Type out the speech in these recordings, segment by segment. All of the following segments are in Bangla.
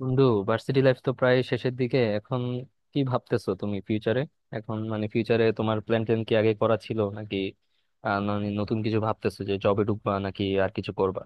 বন্ধু, ভার্সিটি লাইফ তো প্রায় শেষের দিকে এখন। কি ভাবতেছো তুমি ফিউচারে? এখন মানে ফিউচারে তোমার প্ল্যান ট্যান কি আগে করা ছিল নাকি নতুন কিছু ভাবতেছো, যে জবে ঢুকবা নাকি আর কিছু করবা?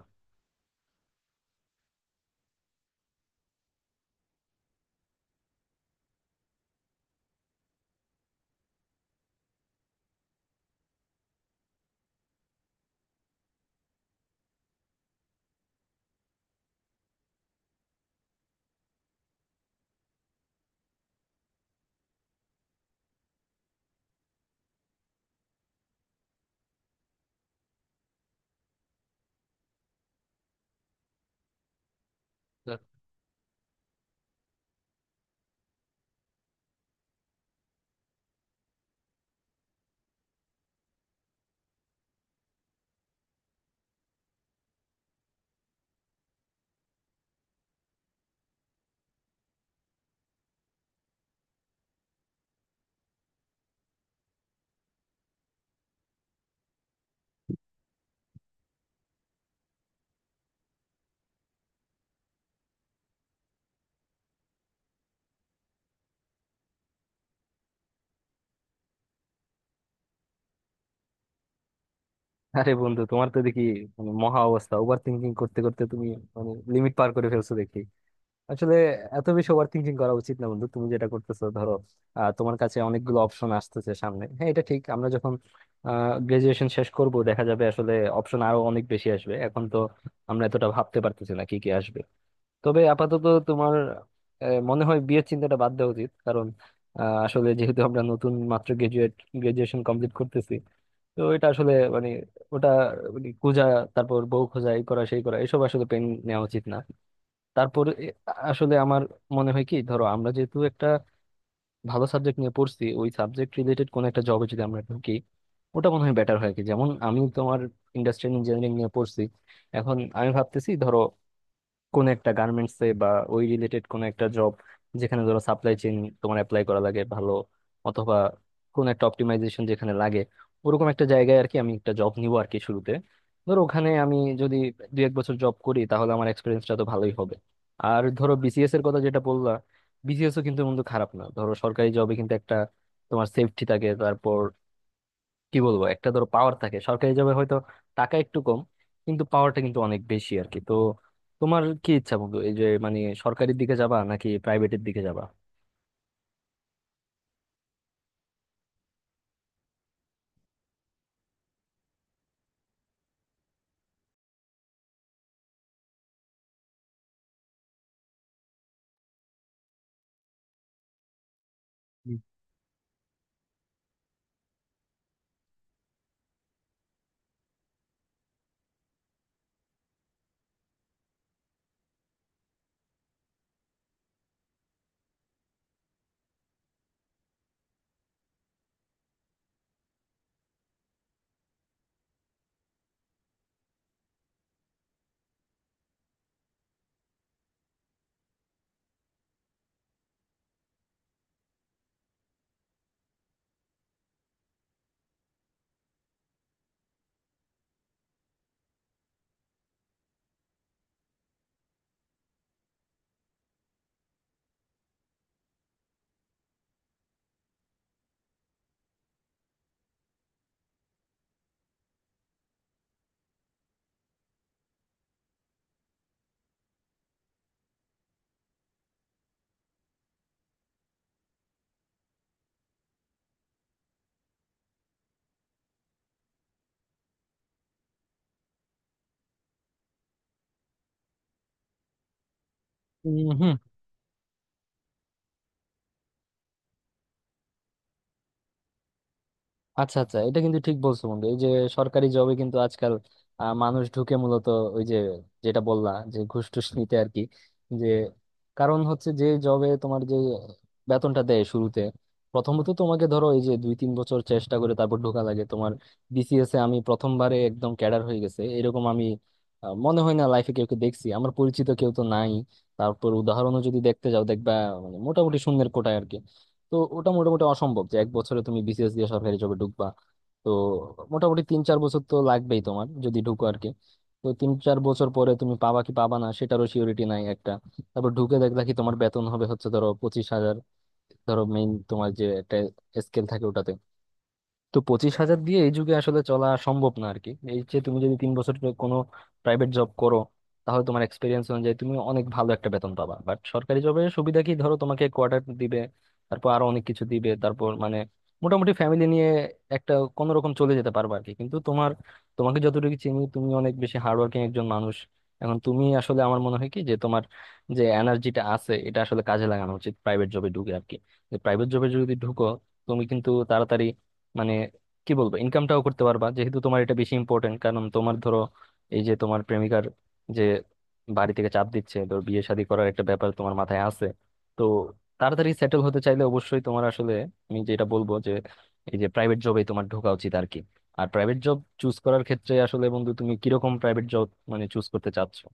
আরে বন্ধু, তোমার তো দেখি মানে মহা অবস্থা। ওভার থিঙ্কিং করতে করতে তুমি মানে লিমিট পার করে ফেলছো দেখি। আসলে এত বেশি ওভার থিঙ্কিং করা উচিত না বন্ধু। তুমি যেটা করতেছো ধরো, তোমার কাছে অনেকগুলো অপশন আসতেছে সামনে, হ্যাঁ এটা ঠিক। আমরা যখন গ্রাজুয়েশন শেষ করব দেখা যাবে আসলে অপশন আরো অনেক বেশি আসবে। এখন তো আমরা এতটা ভাবতে পারতেছি না কি কি আসবে। তবে আপাতত তোমার মনে হয় বিয়ের চিন্তাটা বাদ দেওয়া উচিত, কারণ আসলে যেহেতু আমরা নতুন মাত্র গ্রাজুয়েট, গ্রাজুয়েশন কমপ্লিট করতেছি। তো এটা আসলে মানে ওটা মানে খোঁজা, তারপর বউ খোঁজা, এই করা সেই করা, এসব আসলে পেন নেওয়া উচিত না। তারপর আসলে আমার মনে হয় কি, ধরো আমরা যেহেতু একটা ভালো সাবজেক্ট নিয়ে পড়ছি, ওই সাবজেক্ট রিলেটেড কোন একটা জবে যদি আমরা ঢুকি ওটা মনে হয় বেটার হয়। কি যেমন আমি, তোমার ইন্ডাস্ট্রিয়াল ইঞ্জিনিয়ারিং নিয়ে পড়ছি, এখন আমি ভাবতেছি ধরো কোন একটা গার্মেন্টস এ বা ওই রিলেটেড কোন একটা জব, যেখানে ধরো সাপ্লাই চেইন তোমার অ্যাপ্লাই করা লাগে ভালো, অথবা কোন একটা অপটিমাইজেশন যেখানে লাগে, ওরকম একটা জায়গায় আর কি আমি একটা জব নিব আর কি শুরুতে। ধরো ওখানে আমি যদি 1-2 বছর জব করি তাহলে আমার এক্সপিরিয়েন্সটা তো ভালোই হবে। আর ধরো বিসিএস এর কথা যেটা বললা, বিসিএস ও কিন্তু বন্ধু খারাপ না। ধরো সরকারি জবে কিন্তু একটা তোমার সেফটি থাকে, তারপর কি বলবো একটা ধরো পাওয়ার থাকে। সরকারি জবে হয়তো টাকা একটু কম, কিন্তু পাওয়ারটা কিন্তু অনেক বেশি আর কি। তো তোমার কি ইচ্ছা বন্ধু, এই যে মানে সরকারির দিকে যাবা নাকি প্রাইভেটের দিকে যাবা? হুম। আচ্ছা আচ্ছা, এটা কিন্তু ঠিক বলছো বন্ধু। এই যে সরকারি জবে কিন্তু আজকাল মানুষ ঢুকে মূলত ওই যে, যেটা বললা যে ঘুষ টুস নিতে আর কি। যে কারণ হচ্ছে যে জবে তোমার যে বেতনটা দেয় শুরুতে, প্রথমত তোমাকে ধরো এই যে 2-3 বছর চেষ্টা করে তারপর ঢোকা লাগে তোমার। বিসিএস এ আমি প্রথমবারে একদম ক্যাডার হয়ে গেছে এরকম আমি মনে হয় না লাইফে কেউ দেখছি, আমার পরিচিত কেউ তো নাই। তারপর উদাহরণও যদি দেখতে যাও দেখবা মানে মোটামুটি শূন্যের কোটায় আর কি। তো ওটা মোটামুটি অসম্ভব যে 1 বছরে তুমি বিসিএস দিয়ে সরকারি জবে ঢুকবা। তো মোটামুটি 3-4 বছর তো লাগবেই তোমার যদি ঢুকো আর কি। তো তিন চার বছর পরে তুমি পাবা কি পাবা না সেটারও সিওরিটি নাই একটা। তারপর ঢুকে দেখলা কি তোমার বেতন হবে হচ্ছে ধরো 25,000, ধরো মেইন তোমার যে একটা স্কেল থাকে ওটাতে। তো 25,000 দিয়ে এই যুগে আসলে চলা সম্ভব না আর কি। এই যে তুমি যদি 3 বছর কোনো প্রাইভেট জব করো তাহলে তোমার এক্সপিরিয়েন্স অনুযায়ী তুমি অনেক ভালো একটা বেতন পাবা, বাট সরকারি জবের সুবিধা কি, ধরো তোমাকে কোয়ার্টার দিবে, তারপর আরো অনেক কিছু দিবে। তারপর মানে মোটামুটি ফ্যামিলি নিয়ে একটা কোনো রকম চলে যেতে পারবা আর কি। কিন্তু তোমার, তোমাকে যতটুকু চিনি তুমি অনেক বেশি হার্ডওয়ার্কিং একজন মানুষ। এখন তুমি আসলে, আমার মনে হয় কি যে তোমার যে এনার্জিটা আছে এটা আসলে কাজে লাগানো উচিত প্রাইভেট জবে ঢুকে আর কি। প্রাইভেট জবে যদি ঢুকো তুমি কিন্তু তাড়াতাড়ি মানে কি বলবো ইনকামটাও করতে পারবা, যেহেতু তোমার এটা বেশি ইম্পর্টেন্ট। কারণ তোমার ধরো এই যে তোমার প্রেমিকার যে বাড়ি থেকে চাপ দিচ্ছে, ধর বিয়ে শাদী করার একটা ব্যাপার তোমার মাথায় আছে। তো তাড়াতাড়ি সেটেল হতে চাইলে অবশ্যই তোমার আসলে, আমি যেটা বলবো যে এই যে প্রাইভেট জবে তোমার ঢোকা উচিত আর কি। আর প্রাইভেট জব চুজ করার ক্ষেত্রে আসলে বন্ধু তুমি কিরকম প্রাইভেট জব মানে চুজ করতে চাচ্ছো?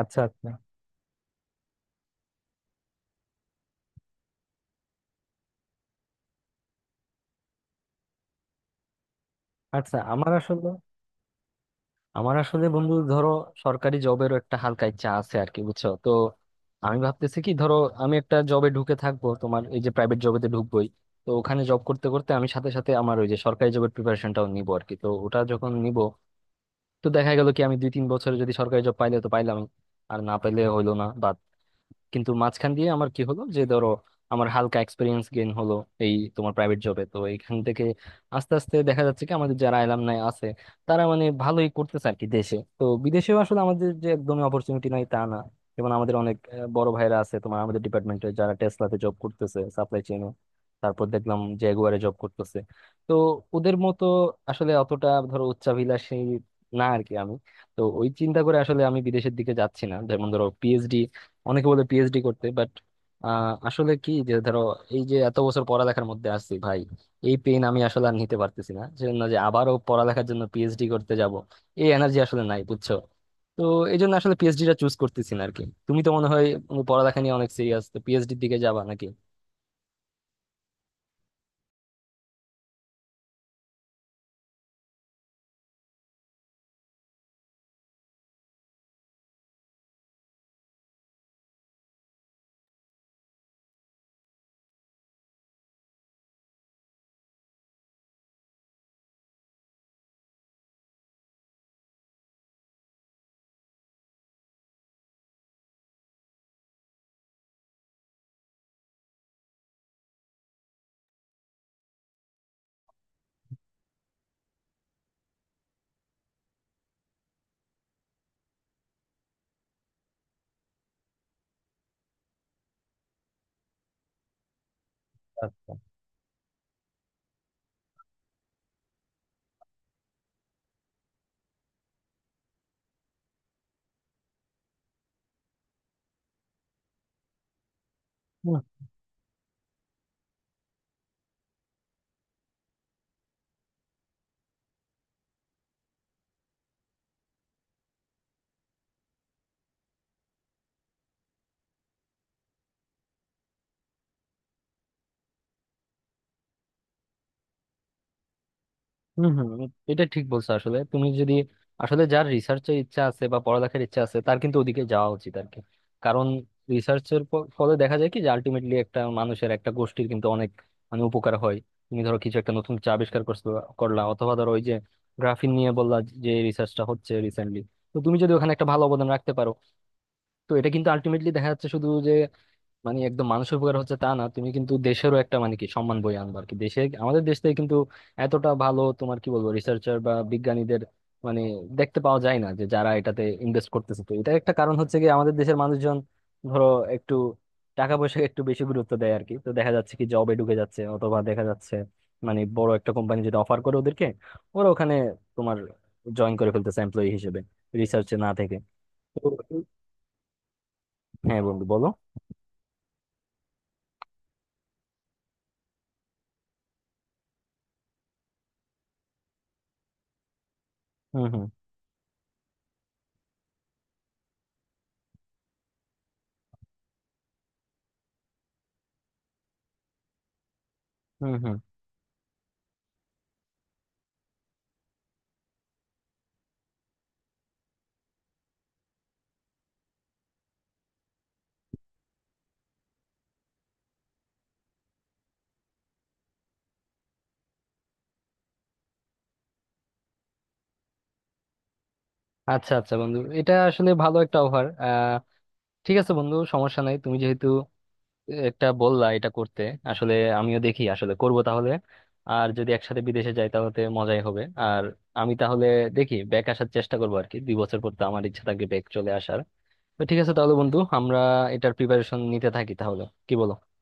আচ্ছা আচ্ছা আচ্ছা। আমার আসলে বন্ধু ধরো সরকারি জবেরও একটা হালকা ইচ্ছা আছে আর কি, বুঝছো তো। আমি ভাবতেছি কি, ধরো আমি একটা জবে ঢুকে থাকবো, তোমার এই যে প্রাইভেট জবেতে ঢুকবোই। তো ওখানে জব করতে করতে আমি সাথে সাথে আমার ওই যে সরকারি জবের প্রিপারেশনটাও নিব আর কি। তো ওটা যখন নিব, তো দেখা গেল কি আমি 2-3 বছরে যদি সরকারি জব পাইলে তো পাইলাম, আর না পাইলে হইলো না। কিন্তু মাঝখান দিয়ে আমার কি হলো যে ধরো আমার হালকা এক্সপিরিয়েন্স গেইন হলো এই তোমার প্রাইভেট জবে, তো এইখান থেকে আস্তে আস্তে দেখা যাচ্ছে কি আমাদের যারা অ্যালামনাই আছে তারা মানে ভালোই করতেছে আর কি দেশে, তো বিদেশেও আসলে আমাদের যে একদমই অপরচুনিটি নাই তা না। যেমন আমাদের অনেক বড় ভাইরা আছে তোমার, আমাদের ডিপার্টমেন্টে যারা টেসলাতে জব করতেছে সাপ্লাই চেইনে, তারপর দেখলাম জেগুয়ারে জব করতেছে। তো ওদের মতো আসলে অতটা ধরো উচ্চাভিলাষী না আর কি আমি। তো ওই চিন্তা করে আসলে আমি বিদেশের দিকে যাচ্ছি না, যেমন ধরো পিএইচডি, অনেকে বলে পিএইচডি করতে বাট আসলে কি যে ধরো এই যে এত বছর পড়ালেখার মধ্যে আসছি ভাই, এই পেন আমি আসলে আর নিতে পারতেছি না, সেজন্য যে আবারও পড়ালেখার জন্য পিএইচডি করতে যাব এই এনার্জি আসলে নাই বুঝছো। তো এই জন্য আসলে পিএইচডিটা চুজ করতেছি না আর কি। তুমি তো মনে হয় পড়ালেখা নিয়ে অনেক সিরিয়াস, তো পিএইচডির দিকে যাবা নাকি? আচ্ছা। হম হম। এটা ঠিক বলছো আসলে। তুমি যদি আসলে, যার রিসার্চের ইচ্ছা আছে বা পড়ালেখার ইচ্ছা আছে তার কিন্তু ওদিকে যাওয়া উচিত আর কি। কারণ রিসার্চের ফলে দেখা যায় কি যে আলটিমেটলি একটা মানুষের, একটা গোষ্ঠীর কিন্তু অনেক মানে উপকার হয়। তুমি ধরো কিছু একটা নতুন কিছু আবিষ্কার করছো করলা, অথবা ধরো ওই যে গ্রাফিন নিয়ে বললা যে রিসার্চটা হচ্ছে রিসেন্টলি, তো তুমি যদি ওখানে একটা ভালো অবদান রাখতে পারো, তো এটা কিন্তু আলটিমেটলি দেখা যাচ্ছে শুধু যে মানে একদম মানুষের উপকার হচ্ছে তা না, তুমি কিন্তু দেশেরও একটা মানে কি সম্মান বই আনবা আর কি। দেশে, আমাদের দেশ থেকে কিন্তু এতটা ভালো তোমার কি বলবো রিসার্চার বা বিজ্ঞানীদের মানে দেখতে পাওয়া যায় না, যে যারা এটাতে ইনভেস্ট করতেছে। তো এটা একটা কারণ হচ্ছে কি আমাদের দেশের মানুষজন ধরো একটু টাকা পয়সা একটু বেশি গুরুত্ব দেয় আর কি। তো দেখা যাচ্ছে কি জবে ঢুকে যাচ্ছে, অথবা দেখা যাচ্ছে মানে বড় একটা কোম্পানি যেটা অফার করে ওদেরকে, ওরা ওখানে তোমার জয়েন করে ফেলতেছে এমপ্লয়ি হিসেবে, রিসার্চে না থেকে। তো হ্যাঁ বন্ধু বলো। হুম হুম। হুম হুম। আচ্ছা আচ্ছা বন্ধু, এটা আসলে ভালো একটা অফার। ঠিক আছে বন্ধু, সমস্যা নাই। তুমি যেহেতু একটা বললা এটা করতে, আসলে আমিও দেখি আসলে করব তাহলে। আর যদি একসাথে বিদেশে যাই তাহলে তো মজাই হবে। আর আমি তাহলে দেখি ব্যাক আসার চেষ্টা করবো আর কি 2 বছর পর, তো আমার ইচ্ছা থাকবে ব্যাক চলে আসার। তো ঠিক আছে তাহলে বন্ধু, আমরা এটার প্রিপারেশন নিতে থাকি তাহলে। কি বলো?